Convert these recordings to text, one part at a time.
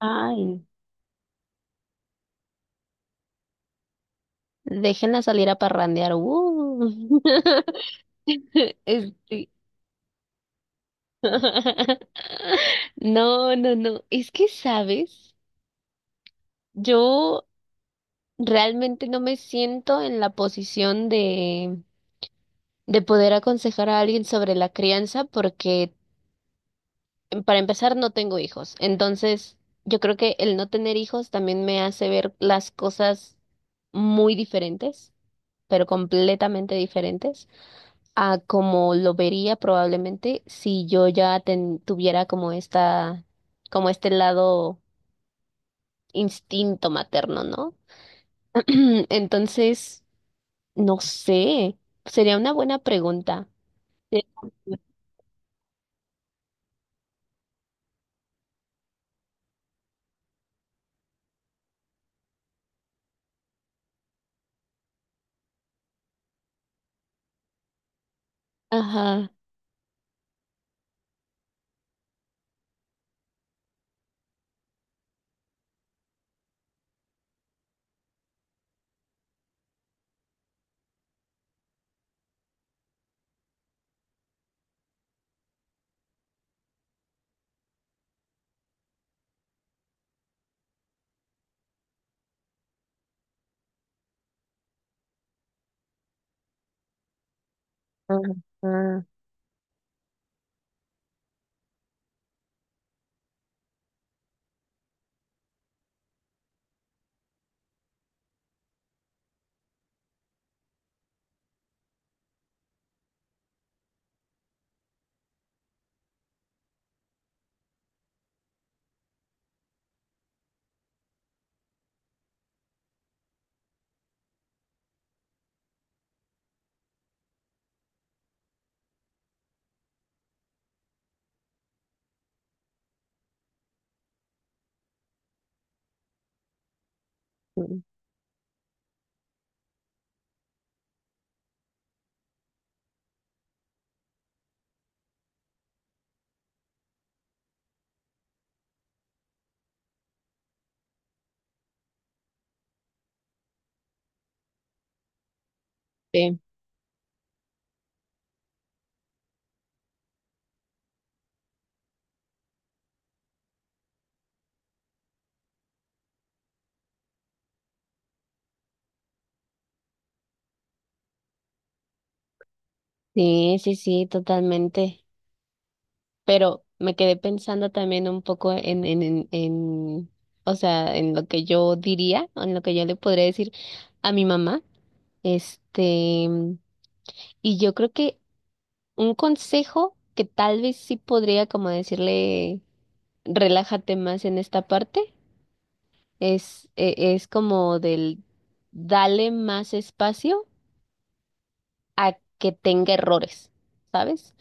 Ay, déjenla salir a parrandear. Este, No, no, no. Es que, ¿sabes? Yo realmente no me siento en la posición de poder aconsejar a alguien sobre la crianza porque, para empezar, no tengo hijos. Entonces, yo creo que el no tener hijos también me hace ver las cosas muy diferentes, pero completamente diferentes a como lo vería probablemente si yo ya tuviera como esta, como este lado instinto materno, ¿no? Entonces, no sé, sería una buena pregunta. Sí. Ajá, ajá. mm, sí, sí, totalmente. Pero me quedé pensando también un poco o sea, en lo que yo diría, en lo que yo le podría decir a mi mamá. Este, Y yo creo que un consejo que tal vez sí podría como decirle, relájate más en esta parte, es como del dale más espacio a que tenga errores, ¿sabes?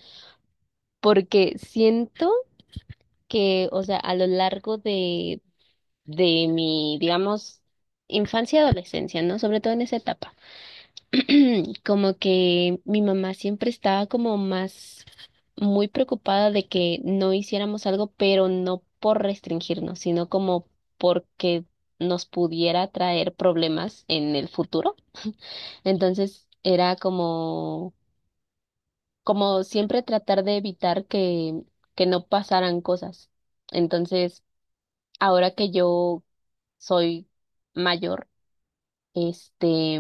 Porque siento que, o sea, a lo largo de mi, digamos, infancia y adolescencia, ¿no? Sobre todo en esa etapa. Como que mi mamá siempre estaba como más muy preocupada de que no hiciéramos algo, pero no por restringirnos, sino como porque nos pudiera traer problemas en el futuro. Entonces era como, como siempre tratar de evitar que no pasaran cosas. Entonces, ahora que yo soy mayor, este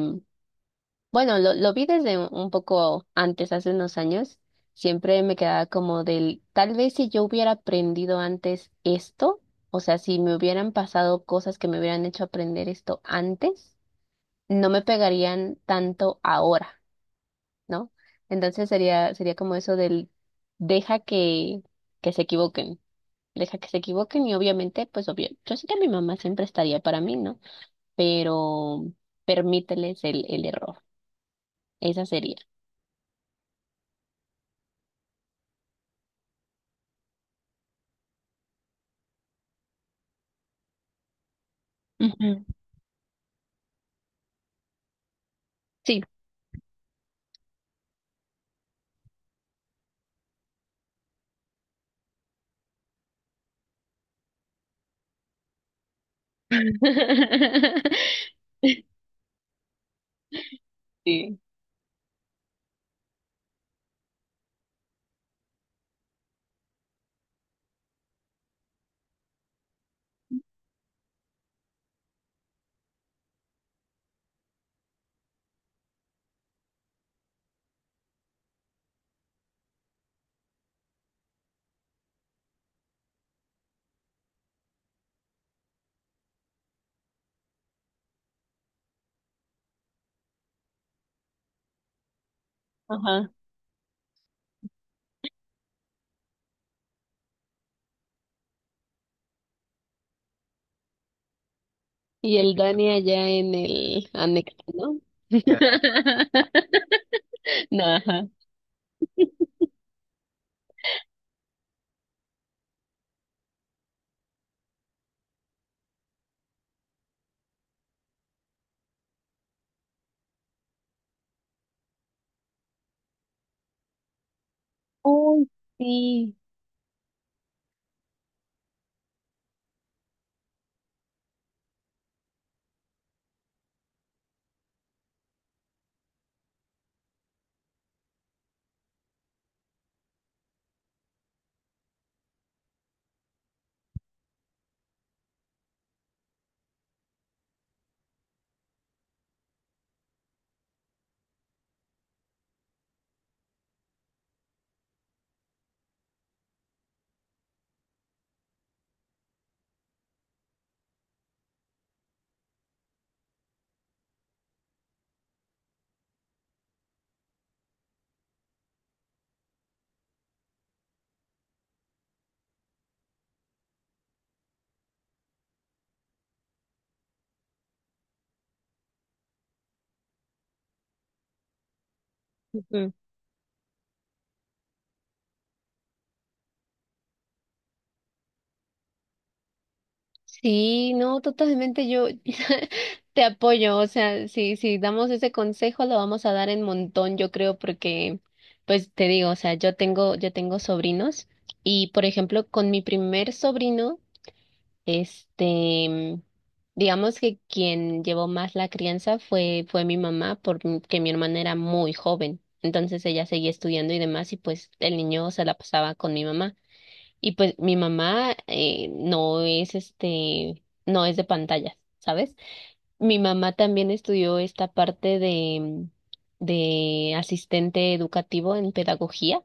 bueno, lo vi desde un poco antes, hace unos años. Siempre me quedaba como del, tal vez si yo hubiera aprendido antes esto, o sea, si me hubieran pasado cosas que me hubieran hecho aprender esto antes, no me pegarían tanto ahora, ¿no? Entonces sería como eso del, deja que se equivoquen, deja que se equivoquen y obviamente, pues obvio, yo sé que mi mamá siempre estaría para mí, ¿no? Pero permíteles el error, esa sería. Ujú. Sí. Sí, ajá. Y el Dani allá en el anexo, ¿no? Ya. No, ajá. Uy, sí. Ujú. Sí, no, totalmente yo te apoyo, o sea, si damos ese consejo lo vamos a dar en montón, yo creo, porque, pues te digo, o sea, yo tengo sobrinos y, por ejemplo, con mi primer sobrino, Este, digamos que quien llevó más la crianza fue mi mamá, porque mi hermana era muy joven. Entonces ella seguía estudiando y demás, y pues el niño se la pasaba con mi mamá. Y pues mi mamá no es no es de pantallas, ¿sabes? Mi mamá también estudió esta parte de asistente educativo en pedagogía.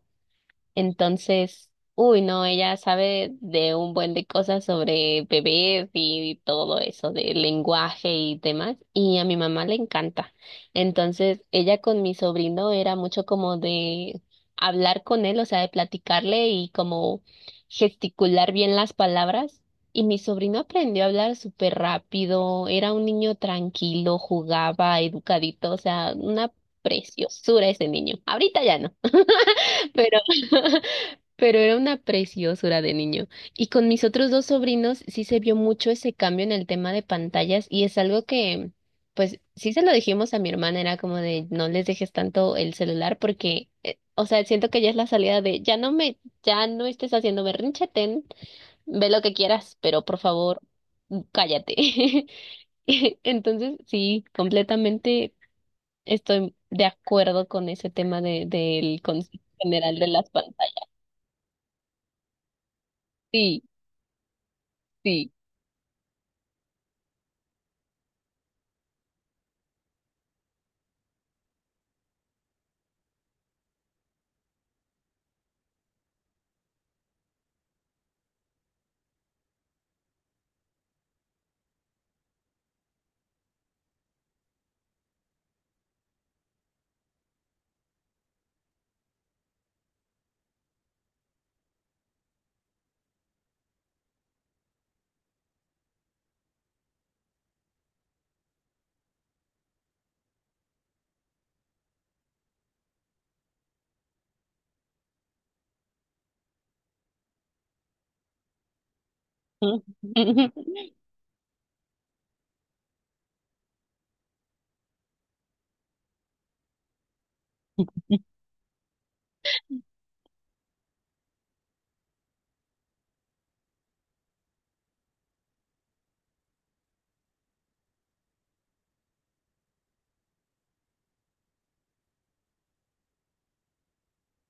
Entonces, uy, no, ella sabe de un buen de cosas sobre bebés y todo eso, de lenguaje y demás, y a mi mamá le encanta. Entonces, ella con mi sobrino era mucho como de hablar con él, o sea, de platicarle y como gesticular bien las palabras. Y mi sobrino aprendió a hablar súper rápido, era un niño tranquilo, jugaba, educadito, o sea, una preciosura ese niño. Ahorita ya no, pero pero era una preciosura de niño. Y con mis otros dos sobrinos sí se vio mucho ese cambio en el tema de pantallas y es algo que, pues sí se lo dijimos a mi hermana, era como de no les dejes tanto el celular porque, o sea, siento que ya es la salida de ya no estés haciendo berrinche, ten, ve lo que quieras, pero por favor, cállate. Entonces, sí, completamente estoy de acuerdo con ese tema del concepto general de las pantallas. Sí, sí. Ujú.